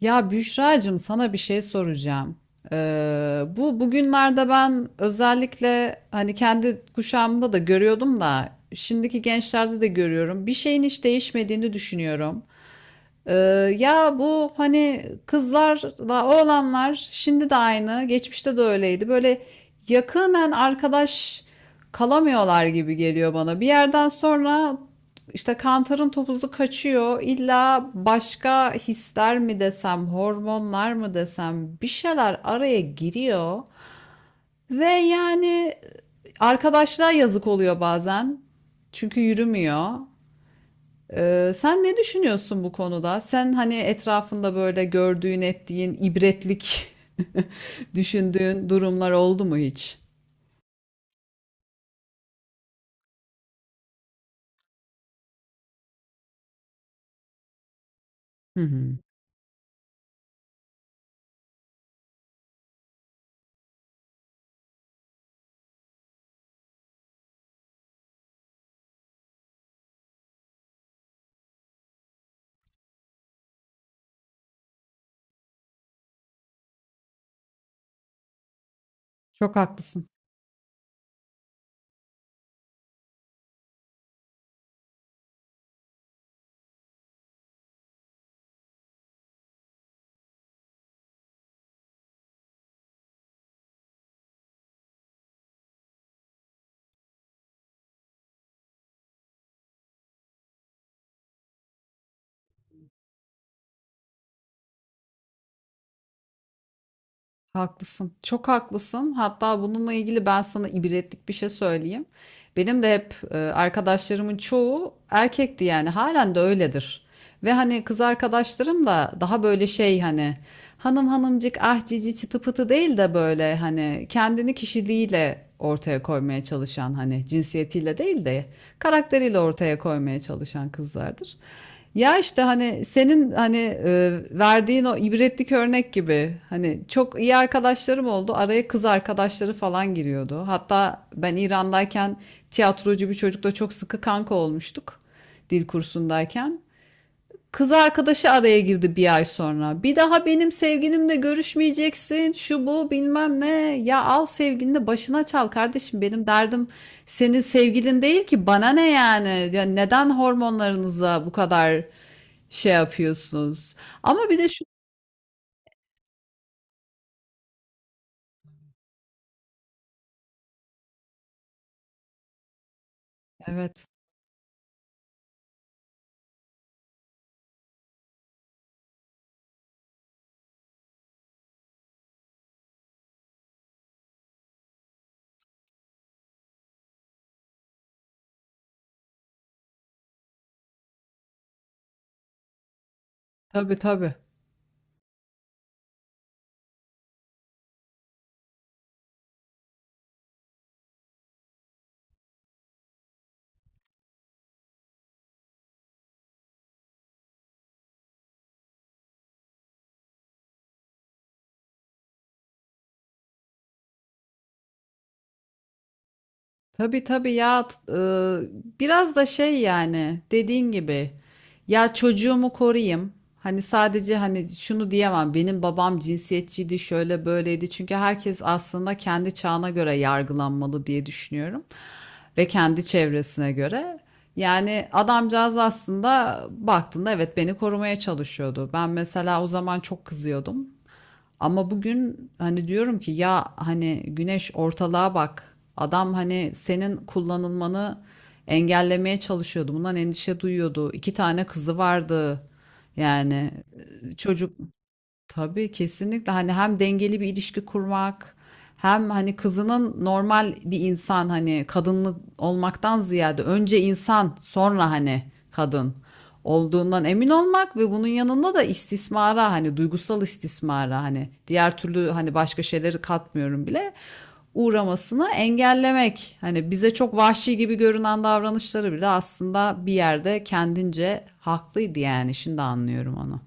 Ya Büşra'cığım sana bir şey soracağım. Bu bugünlerde ben özellikle hani kendi kuşağımda da görüyordum da şimdiki gençlerde de görüyorum. Bir şeyin hiç değişmediğini düşünüyorum. Ee, Ya bu hani kızlarla oğlanlar şimdi de aynı, geçmişte de öyleydi. Böyle yakınen arkadaş kalamıyorlar gibi geliyor bana. Bir yerden sonra işte kantarın topuzu kaçıyor. İlla başka hisler mi desem, hormonlar mı desem bir şeyler araya giriyor. Ve yani arkadaşlığa yazık oluyor bazen. Çünkü yürümüyor. Sen ne düşünüyorsun bu konuda? Sen hani etrafında böyle gördüğün, ettiğin, ibretlik düşündüğün durumlar oldu mu hiç? Hı hı. Çok haklısın. Haklısın. Çok haklısın. Hatta bununla ilgili ben sana ibretlik bir şey söyleyeyim. Benim de hep arkadaşlarımın çoğu erkekti yani. Halen de öyledir. Ve hani kız arkadaşlarım da daha böyle şey hani hanım hanımcık ah cici çıtı pıtı değil de böyle hani kendini kişiliğiyle ortaya koymaya çalışan hani cinsiyetiyle değil de karakteriyle ortaya koymaya çalışan kızlardır. Ya işte hani senin hani verdiğin o ibretlik örnek gibi hani çok iyi arkadaşlarım oldu. Araya kız arkadaşları falan giriyordu. Hatta ben İran'dayken tiyatrocu bir çocukla çok sıkı kanka olmuştuk dil kursundayken. Kız arkadaşı araya girdi bir ay sonra. Bir daha benim sevgilimle görüşmeyeceksin. Şu bu bilmem ne. Ya al sevgilini de başına çal kardeşim. Benim derdim senin sevgilin değil ki. Bana ne yani? Ya neden hormonlarınızla bu kadar şey yapıyorsunuz? Ama bir de şu... Evet. Tabii tabii. Tabii tabii ya biraz da şey yani dediğin gibi ya çocuğumu koruyayım. Hani sadece hani şunu diyemem benim babam cinsiyetçiydi şöyle böyleydi. Çünkü herkes aslında kendi çağına göre yargılanmalı diye düşünüyorum. Ve kendi çevresine göre. Yani adamcağız aslında baktığında evet beni korumaya çalışıyordu. Ben mesela o zaman çok kızıyordum. Ama bugün hani diyorum ki ya hani güneş ortalığa bak. Adam hani senin kullanılmanı engellemeye çalışıyordu. Bundan endişe duyuyordu. İki tane kızı vardı. Yani çocuk. Tabii kesinlikle hani hem dengeli bir ilişki kurmak hem hani kızının normal bir insan hani kadınlı olmaktan ziyade önce insan sonra hani kadın olduğundan emin olmak ve bunun yanında da istismara hani duygusal istismara hani diğer türlü hani başka şeyleri katmıyorum bile uğramasını engellemek. Hani bize çok vahşi gibi görünen davranışları bile aslında bir yerde kendince haklıydı yani şimdi anlıyorum onu.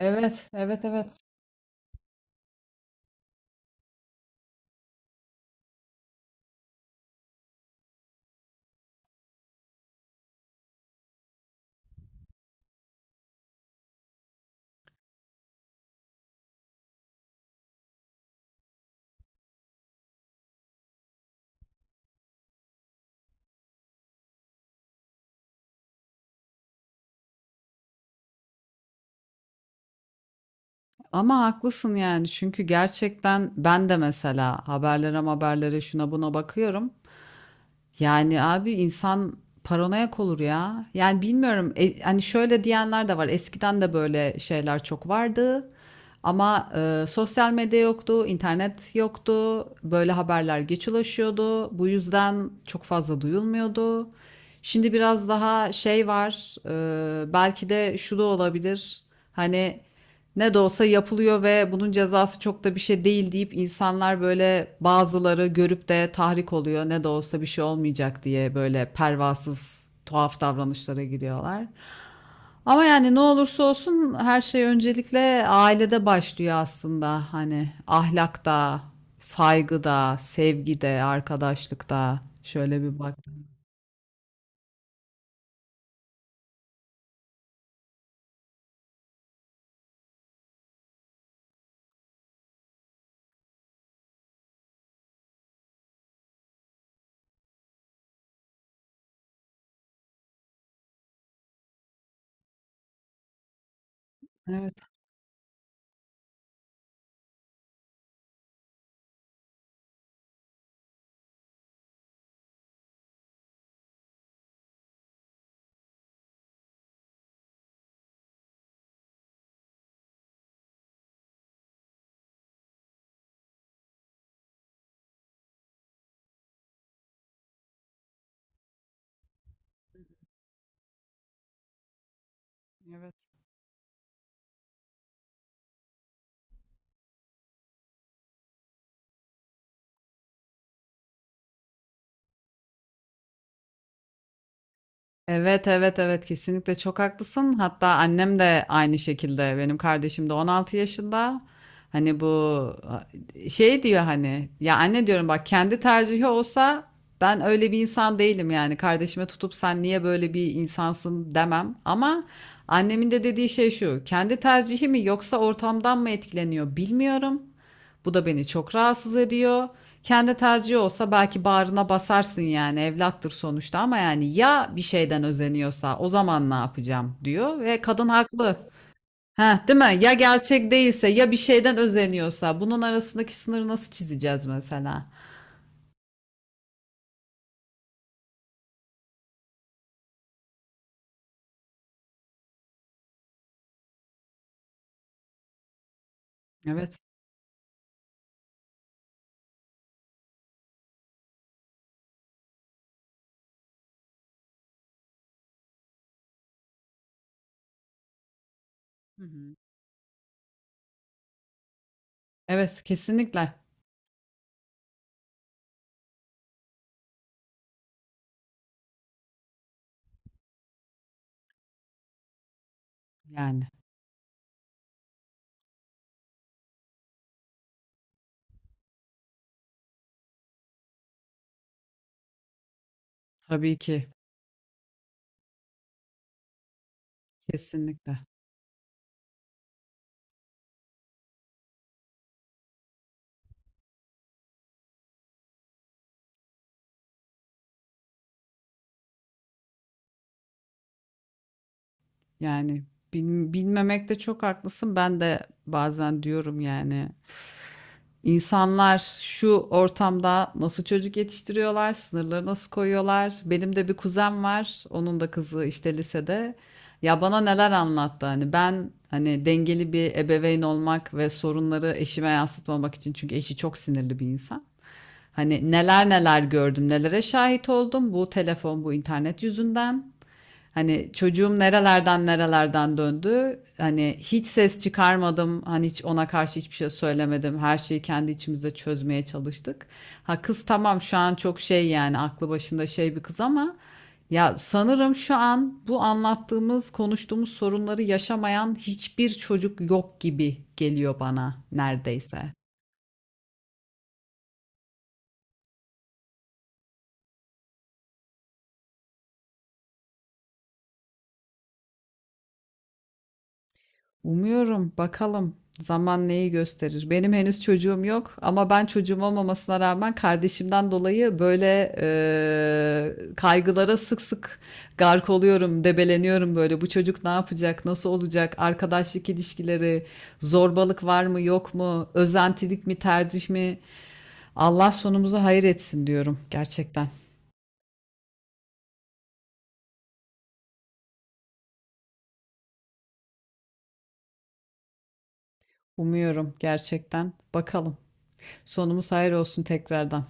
Evet, evet, evet. Ama haklısın yani çünkü gerçekten ben de mesela haberlere şuna buna bakıyorum. Yani abi insan paranoyak olur ya. Yani bilmiyorum hani şöyle diyenler de var. Eskiden de böyle şeyler çok vardı. Ama sosyal medya yoktu, internet yoktu. Böyle haberler geç ulaşıyordu. Bu yüzden çok fazla duyulmuyordu. Şimdi biraz daha şey var. Belki de şu da olabilir. Hani ne de olsa yapılıyor ve bunun cezası çok da bir şey değil deyip insanlar böyle bazıları görüp de tahrik oluyor. Ne de olsa bir şey olmayacak diye böyle pervasız tuhaf davranışlara giriyorlar. Ama yani ne olursa olsun her şey öncelikle ailede başlıyor aslında. Hani ahlakta, saygıda, sevgide, arkadaşlıkta şöyle bir bak. Evet. Evet. Evet evet evet kesinlikle çok haklısın. Hatta annem de aynı şekilde. Benim kardeşim de 16 yaşında. Hani bu şey diyor hani ya anne diyorum bak kendi tercihi olsa ben öyle bir insan değilim yani. Kardeşime tutup sen niye böyle bir insansın demem. Ama annemin de dediği şey şu. Kendi tercihi mi yoksa ortamdan mı etkileniyor bilmiyorum. Bu da beni çok rahatsız ediyor. Kendi tercihi olsa belki bağrına basarsın yani evlattır sonuçta ama yani ya bir şeyden özeniyorsa o zaman ne yapacağım diyor ve kadın haklı. Heh, değil mi? Ya gerçek değilse ya bir şeyden özeniyorsa bunun arasındaki sınırı nasıl çizeceğiz mesela? Evet. Hı hı. Evet, kesinlikle. Yani tabii ki kesinlikle. Yani bilmemekte çok haklısın. Ben de bazen diyorum yani İnsanlar şu ortamda nasıl çocuk yetiştiriyorlar, sınırları nasıl koyuyorlar? Benim de bir kuzen var, onun da kızı işte lisede. Ya bana neler anlattı hani ben hani dengeli bir ebeveyn olmak ve sorunları eşime yansıtmamak için çünkü eşi çok sinirli bir insan. Hani neler neler gördüm, nelere şahit oldum bu telefon, bu internet yüzünden. Hani çocuğum nerelerden döndü. Hani hiç ses çıkarmadım. Hani hiç ona karşı hiçbir şey söylemedim. Her şeyi kendi içimizde çözmeye çalıştık. Ha kız tamam şu an çok şey yani aklı başında şey bir kız ama ya sanırım şu an bu anlattığımız, konuştuğumuz sorunları yaşamayan hiçbir çocuk yok gibi geliyor bana neredeyse. Umuyorum. Bakalım zaman neyi gösterir. Benim henüz çocuğum yok ama ben çocuğum olmamasına rağmen kardeşimden dolayı böyle kaygılara sık sık gark oluyorum, debeleniyorum böyle. Bu çocuk ne yapacak, nasıl olacak, arkadaşlık ilişkileri, zorbalık var mı, yok mu, özentilik mi, tercih mi? Allah sonumuzu hayır etsin diyorum gerçekten. Umuyorum gerçekten. Bakalım. Sonumuz hayır olsun tekrardan.